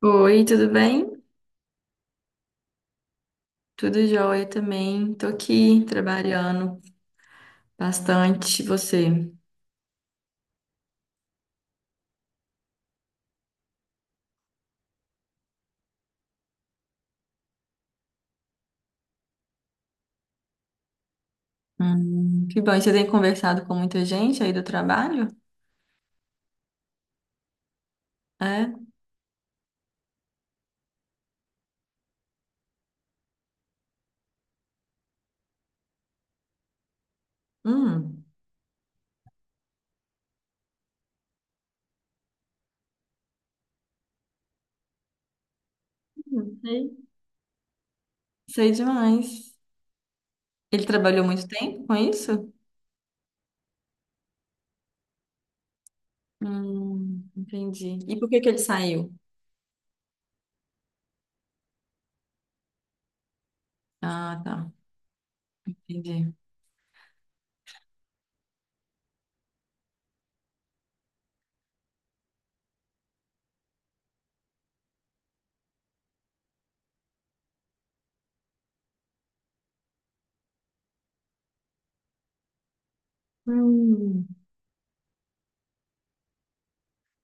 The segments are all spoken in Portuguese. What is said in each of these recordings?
Oi, tudo bem? Tudo jóia também. Tô aqui trabalhando bastante. E você? Que bom. E você tem conversado com muita gente aí do trabalho? É? Hum, Hum, sei. Sei demais. Ele trabalhou muito tempo com isso? Entendi. E por que que ele saiu? Ah, tá. Entendi. Hum.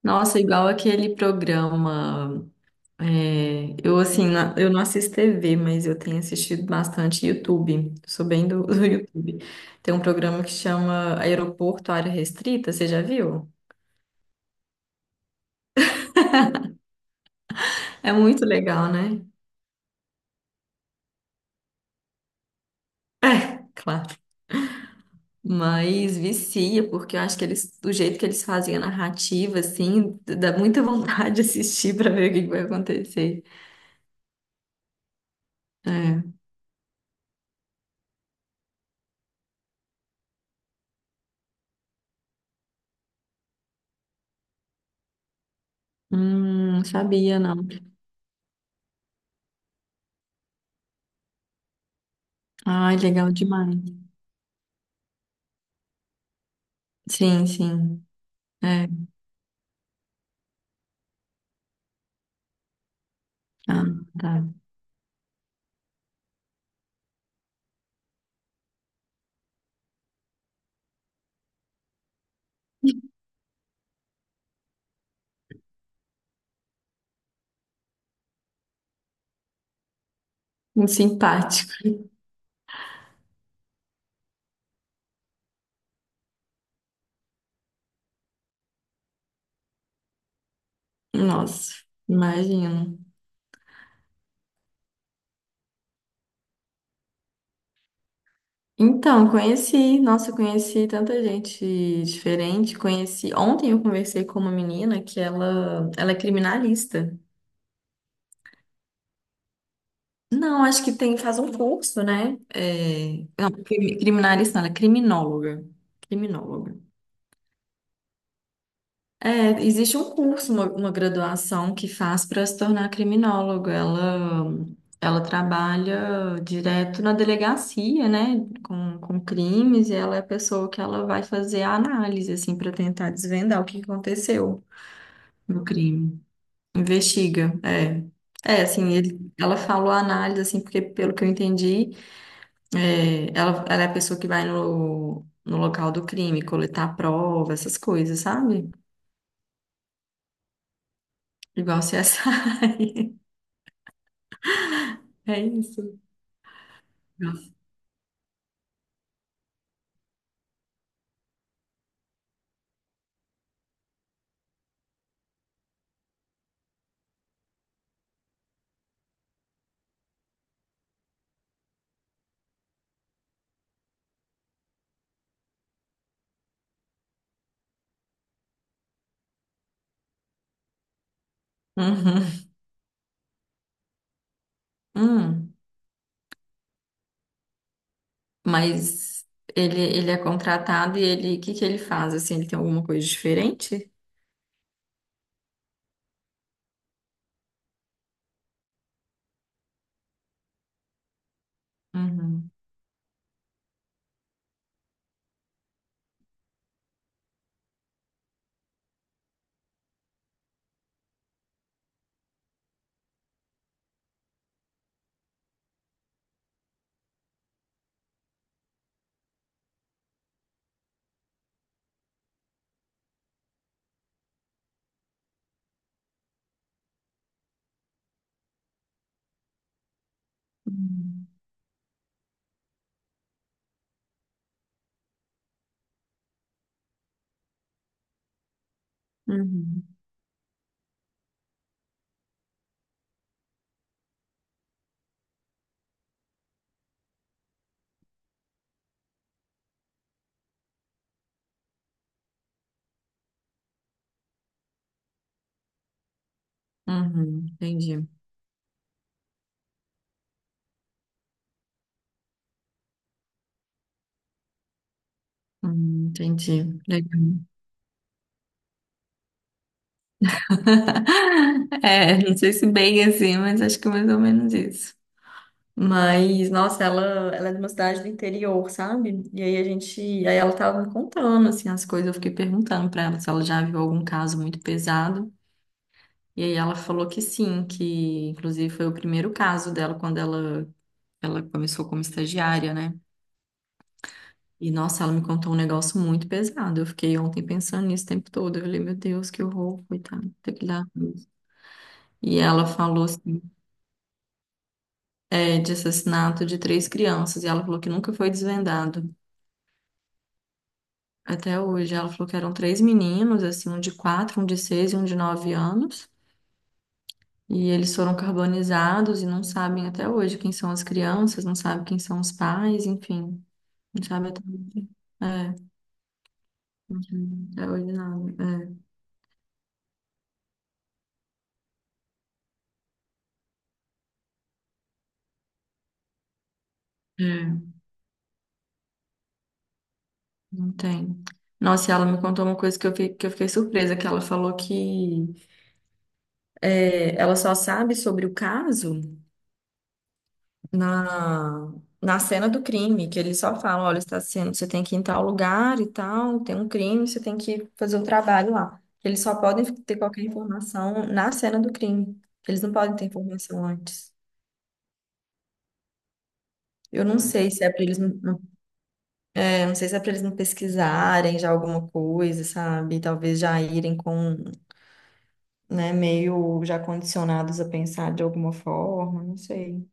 Nossa, igual aquele programa. É, eu assim, eu não assisto TV, mas eu tenho assistido bastante YouTube. Sou bem do YouTube. Tem um programa que chama Aeroporto Área Restrita, você já viu? É muito legal, né? É, claro. Mas vicia, porque eu acho que eles, do jeito que eles fazem a narrativa, assim, dá muita vontade de assistir para ver o que que vai acontecer. É. Não sabia, não. Ai, legal demais. Sim, sim. É. Ah, tá. Muito simpático. Nossa, imagino. Então, conheci, nossa, eu conheci tanta gente diferente. Conheci, ontem eu conversei com uma menina que ela é criminalista. Não, acho que tem, faz um curso, né? É, não, criminalista, não, ela é criminóloga. Criminóloga. É, existe um curso, uma graduação que faz para se tornar criminólogo. Ela trabalha direto na delegacia, né, com crimes, e ela é a pessoa que ela vai fazer a análise, assim, para tentar desvendar o que aconteceu no crime. Investiga, é. É, assim, ela falou a análise, assim, porque pelo que eu entendi, é, ela é a pessoa que vai no local do crime, coletar prova, essas coisas, sabe? Igual CSI. É isso. Uhum. Hum. Mas ele é contratado e ele, o que que ele faz? Assim, ele tem alguma coisa diferente? Uhum. Uhum. Uhum. Uhum. Entendi. Entendi. Legal. É, não sei se bem assim, mas acho que mais ou menos isso. Mas, nossa, ela é de uma cidade do interior, sabe? E aí a gente, aí ela tava me contando, assim, as coisas, eu fiquei perguntando pra ela se ela já viu algum caso muito pesado. E aí ela falou que sim, que inclusive foi o primeiro caso dela quando ela começou como estagiária, né? E nossa, ela me contou um negócio muito pesado. Eu fiquei ontem pensando nisso o tempo todo. Eu falei, meu Deus, que horror, coitada, tem que dar. E ela falou assim, é, de assassinato de três crianças, e ela falou que nunca foi desvendado. Até hoje, ela falou que eram três meninos, assim, um de 4, um de 6 e um de 9 anos. E eles foram carbonizados e não sabem até hoje quem são as crianças, não sabem quem são os pais, enfim. Sabe? É, uhum, é ordinário. É, é, não tem. Nossa, e ela me contou uma coisa que que eu fiquei surpresa, que ela falou que é, ela só sabe sobre o caso na, na cena do crime, que eles só falam, olha, está sendo, você tem que ir em tal lugar e tal, tem um crime, você tem que fazer um trabalho lá. Eles só podem ter qualquer informação na cena do crime. Eles não podem ter informação antes. Eu não sei se é para eles não Eu não sei se é para eles não pesquisarem já alguma coisa, sabe? Talvez já irem com, né, meio já condicionados a pensar de alguma forma, não sei.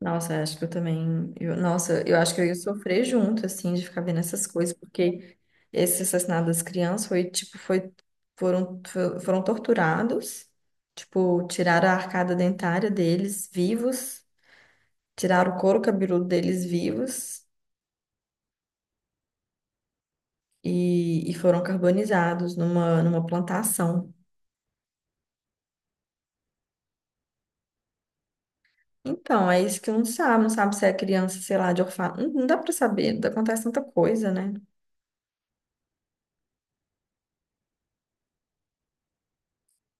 Nossa, acho que eu também. Nossa, eu acho que eu ia sofrer junto, assim, de ficar vendo essas coisas, porque esse assassinato das crianças foi, tipo, foi, foram, foram torturados, tipo, tiraram a arcada dentária deles vivos, tiraram o couro cabeludo deles vivos. E foram carbonizados numa, numa plantação. Então, é isso que não sabe, não sabe se é criança, sei lá, de orfanato. Não, não dá pra saber, acontece tanta coisa, né?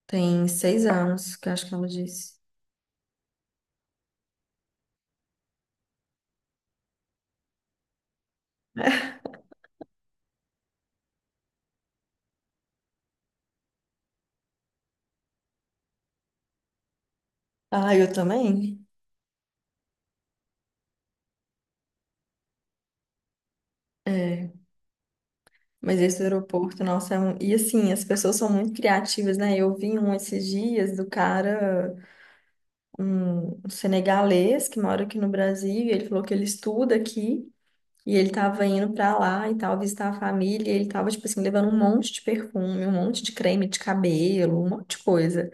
Tem 6 anos, que eu acho que ela disse. Ah, eu também? É, mas esse aeroporto, nossa, é um... E assim, as pessoas são muito criativas, né? Eu vi um esses dias do cara, um senegalês que mora aqui no Brasil, e ele falou que ele estuda aqui, e ele tava indo pra lá e tal, visitar a família, e ele tava, tipo assim, levando um monte de perfume, um monte de creme de cabelo, um monte de coisa.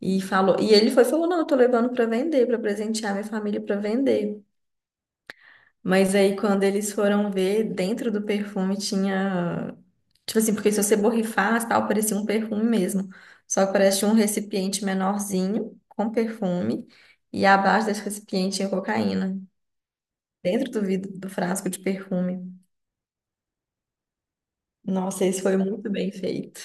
E falou, e ele foi e falou: "Não, eu tô levando pra vender, pra presentear minha família pra vender". Mas aí quando eles foram ver, dentro do perfume tinha, tipo assim, porque se você borrifasse, tal, parecia um perfume mesmo. Só que parecia um recipiente menorzinho com perfume e abaixo desse recipiente tinha cocaína, dentro do vidro do frasco de perfume. Nossa, esse foi muito bem feito.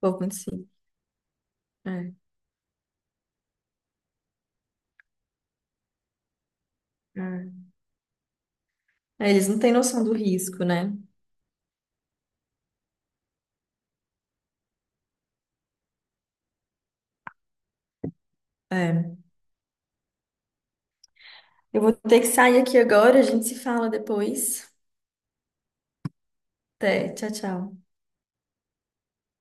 Vou conseguir. É, é. É, eles não têm noção do risco, né? É. Eu vou ter que sair aqui agora, a gente se fala depois. Até, tchau, tchau.